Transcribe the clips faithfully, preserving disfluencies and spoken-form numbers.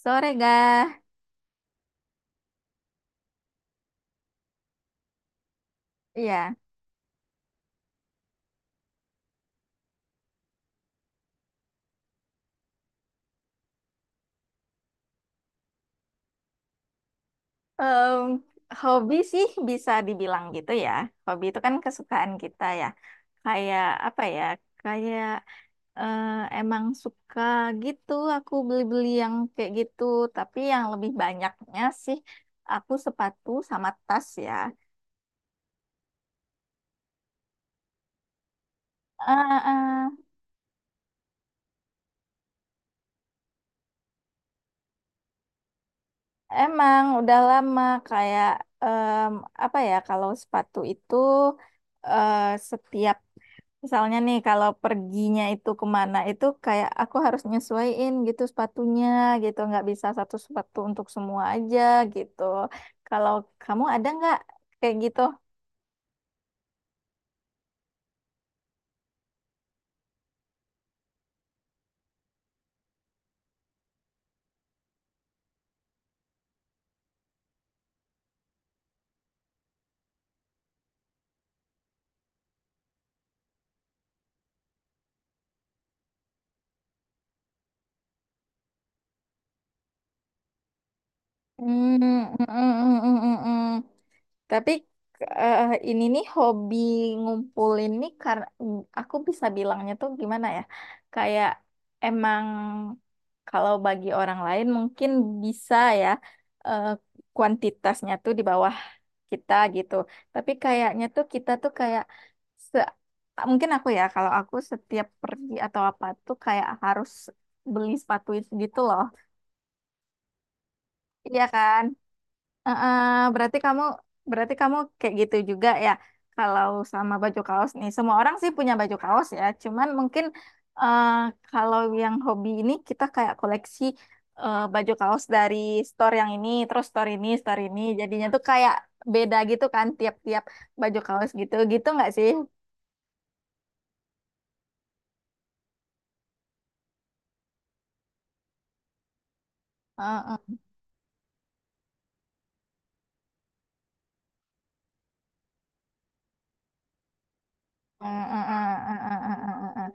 Sore gak? Iya. Em, Hobi sih bisa dibilang gitu ya. Hobi itu kan kesukaan kita ya. Kayak apa ya? Kayak eh, emang suka gitu aku beli-beli yang kayak gitu. Tapi yang lebih banyaknya sih aku sepatu sama tas ya. Eh, eh, Emang udah lama kayak em, apa ya kalau sepatu itu eh, setiap. Misalnya nih kalau perginya itu kemana itu kayak aku harus nyesuaiin gitu sepatunya gitu nggak bisa satu sepatu untuk semua aja gitu. Kalau kamu ada nggak kayak gitu? Hmm, mm, mm, mm, mm, mm, mm. Tapi eh, ini nih hobi ngumpulin nih karena aku bisa bilangnya tuh gimana ya? Kayak emang kalau bagi orang lain mungkin bisa ya eh, kuantitasnya tuh di bawah kita gitu. Tapi kayaknya tuh kita tuh kayak se mungkin aku ya kalau aku setiap pergi atau apa tuh kayak harus beli sepatu itu gitu loh. Iya kan? Heeh, berarti kamu berarti kamu kayak gitu juga ya kalau sama baju kaos nih. Semua orang sih punya baju kaos ya. Cuman mungkin eh, kalau yang hobi ini kita kayak koleksi eh, baju kaos dari store yang ini, terus store ini, store ini. Jadinya tuh kayak beda gitu kan tiap-tiap baju kaos gitu. Gitu nggak sih? Heeh, heeh, heeh, heeh, heeh, heeh,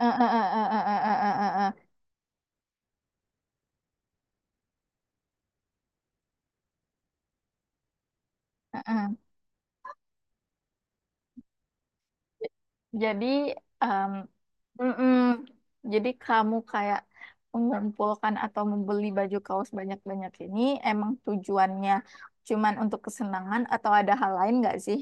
heeh, heeh, heeh, heeh, heeh, heeh, heeh, heeh, heeh, heeh. Jadi, em, mm-mm. Jadi kamu kayak mengumpulkan atau membeli baju kaos banyak-banyak ini emang tujuannya cuman untuk kesenangan atau ada hal lain nggak sih?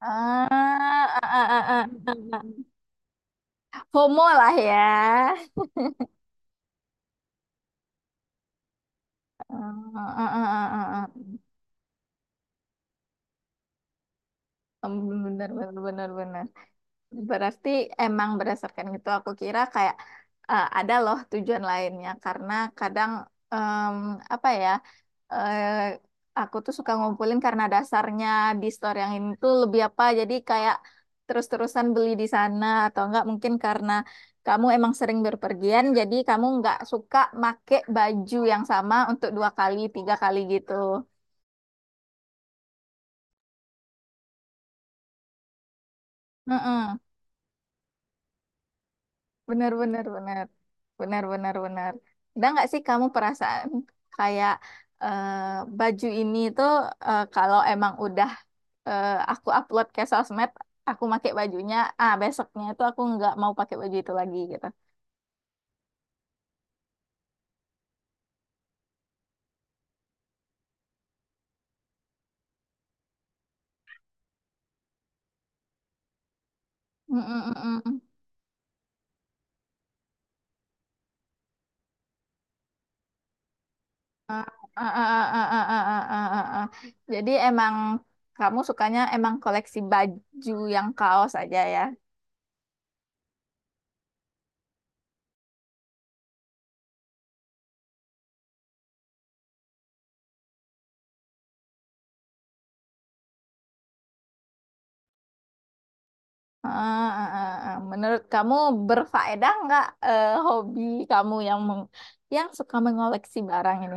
Ah, ah, ah, ah, ah, ah. Homo lah ya. Ah, ah, ah, ah, ah. Benar, benar, benar, benar. Berarti emang berdasarkan itu aku kira kayak eh, ada loh tujuan lainnya karena kadang em, apa ya eh, aku tuh suka ngumpulin karena dasarnya di store yang ini tuh lebih apa jadi kayak terus-terusan beli di sana atau enggak mungkin karena kamu emang sering berpergian jadi kamu enggak suka make baju yang sama untuk dua kali tiga kali gitu. Benar, benar, benar. Benar, benar, benar. Ada nggak sih kamu perasaan kayak eh, baju ini tuh eh, kalau emang udah eh, aku upload ke sosmed, aku pakai bajunya, ah besoknya itu aku nggak mau pakai baju itu lagi gitu. Mm, mm, mm, mm, mm. Ah, ah, ah, ah, ah, ah, ah, ah, ah, ah, ah. Jadi emang kamu sukanya emang koleksi baju yang kaos aja ya? Ah, ah, ah, ah. Menurut kamu berfaedah nggak eh, hobi kamu yang meng- yang suka mengoleksi barang ini?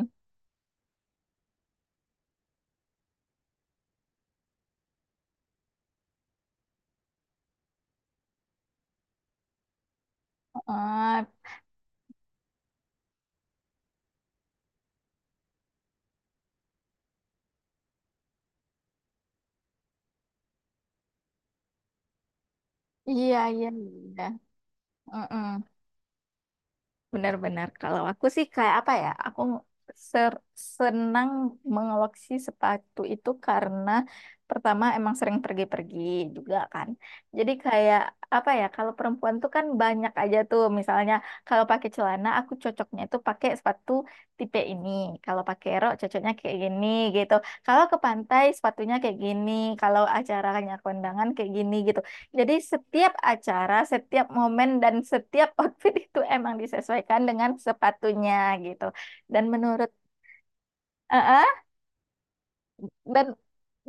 Ah, iya, iya, iya. Mm-mm. Benar-benar. Kalau aku sih kayak apa ya? Aku ser- senang mengoleksi sepatu itu karena pertama emang sering pergi-pergi juga kan. Jadi kayak apa ya? Kalau perempuan tuh kan banyak aja tuh. Misalnya kalau pakai celana aku cocoknya itu pakai sepatu tipe ini. Kalau pakai rok cocoknya kayak gini gitu. Kalau ke pantai sepatunya kayak gini. Kalau acaranya kondangan kayak gini gitu. Jadi setiap acara, setiap momen dan setiap outfit itu emang disesuaikan dengan sepatunya gitu. Dan menurut Heeh, dan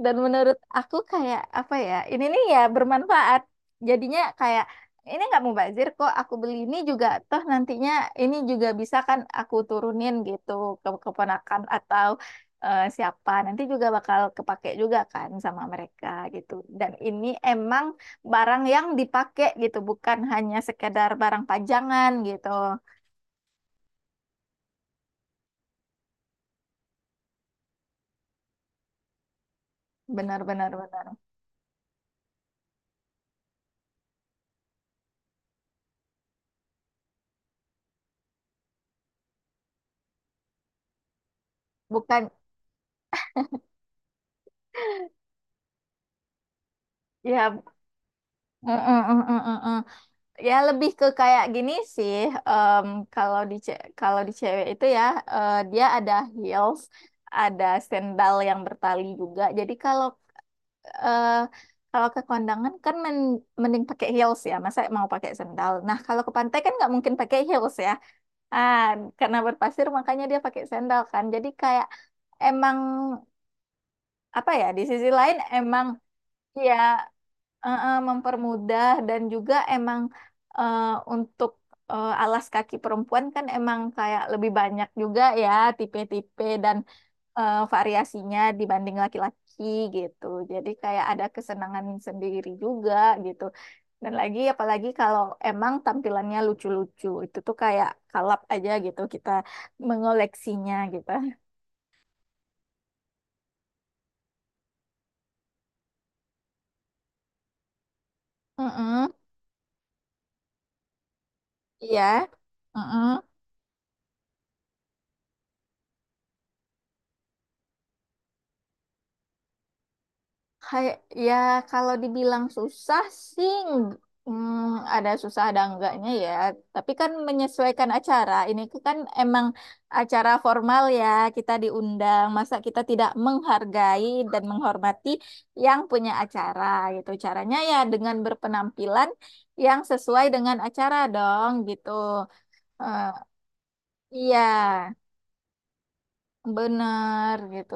dan menurut aku kayak apa ya ini nih ya bermanfaat jadinya kayak ini nggak mubazir kok aku beli ini juga toh nantinya ini juga bisa kan aku turunin gitu ke keponakan atau eh, siapa nanti juga bakal kepake juga kan sama mereka gitu dan ini emang barang yang dipakai gitu bukan hanya sekedar barang pajangan gitu. Benar, benar, benar, bukan ya. Mm, mm, mm, mm, mm. Ya lebih ke kayak gini sih. em, Kalau di ce- kalau di cewek itu ya eh, dia ada heels, ada sandal yang bertali juga. Jadi kalau eh, kalau ke kondangan kan men- mending pakai heels ya. Masa mau pakai sandal. Nah kalau ke pantai kan nggak mungkin pakai heels ya. Ah karena berpasir makanya dia pakai sandal kan. Jadi kayak emang apa ya di sisi lain emang ya eh, mempermudah dan juga emang eh, untuk eh, alas kaki perempuan kan emang kayak lebih banyak juga ya tipe-tipe dan eh, variasinya dibanding laki-laki gitu. Jadi kayak ada kesenangan sendiri juga gitu. Dan lagi apalagi kalau emang tampilannya lucu-lucu itu tuh kayak kalap aja gitu kita mengoleksinya gitu. Mm-mm. Iya. Mm-mm. Kayak ya kalau dibilang susah sih ng- mm, ada susah ada enggaknya ya. Tapi kan menyesuaikan acara. Ini kan emang acara formal ya, kita diundang. Masa kita tidak menghargai dan menghormati yang punya acara gitu. Caranya ya dengan berpenampilan yang sesuai dengan acara dong gitu. Eh, iya, bener gitu.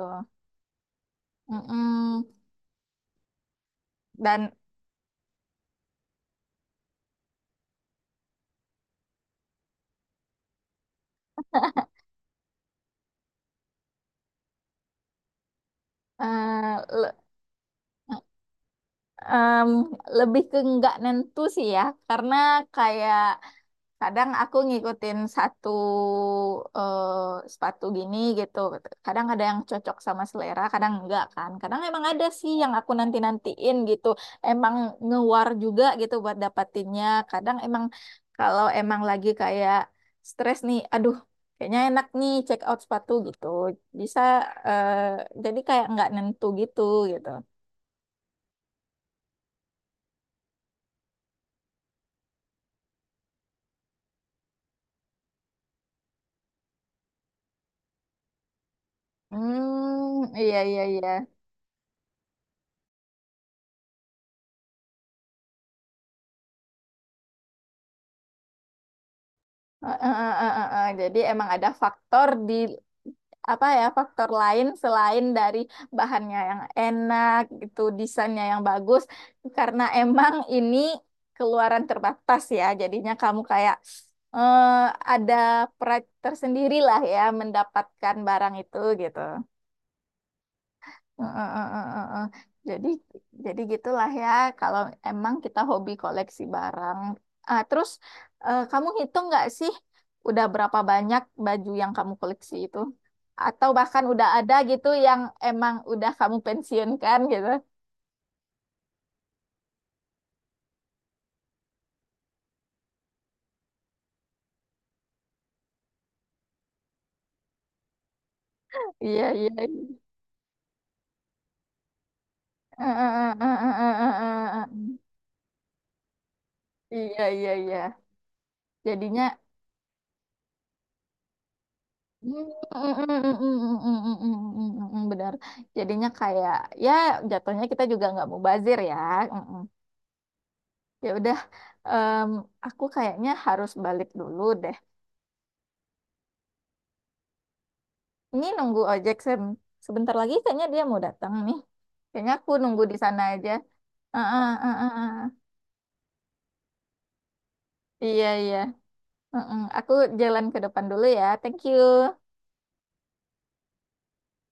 Mm-mm. Dan eh, Em, lebih ke nggak nentu sih ya, karena kayak kadang aku ngikutin satu eh, sepatu gini gitu. Kadang ada yang cocok sama selera, kadang enggak kan. Kadang emang ada sih yang aku nanti-nantiin gitu. Emang ngewar juga gitu buat dapatinnya. Kadang emang kalau emang lagi kayak stres nih, aduh kayaknya enak nih check out sepatu gitu. Bisa eh, jadi kayak nggak nentu gitu gitu. Hmm, iya, iya, iya. Eh, eh, eh, eh, eh, eh. Jadi emang ada faktor di apa ya faktor lain selain dari bahannya yang enak gitu, desainnya yang bagus. Karena emang ini keluaran terbatas ya, jadinya kamu kayak eh, ada pride tersendiri lah ya mendapatkan barang itu gitu. Heeh, heeh, heeh, heeh. Jadi jadi gitulah ya kalau emang kita hobi koleksi barang. Ah, terus eh, kamu hitung nggak sih udah berapa banyak baju yang kamu koleksi itu? Atau bahkan udah ada gitu yang emang udah kamu pensiunkan gitu? Iya, iya, iya. Eh, eh, eh, eh, eh, eh, eh, eh. Iya, iya, iya. Jadinya. Mm, benar. Jadinya kayak ya jatuhnya kita juga nggak mubazir ya. Ya udah, em, aku kayaknya harus balik dulu deh. Ini nunggu ojek Sam. Sebentar lagi kayaknya dia mau datang nih. Kayaknya aku nunggu di sana aja. Ah, ah, ah, ah, ah. Iya, iya. Heeh, aku jalan ke depan dulu ya. Thank you.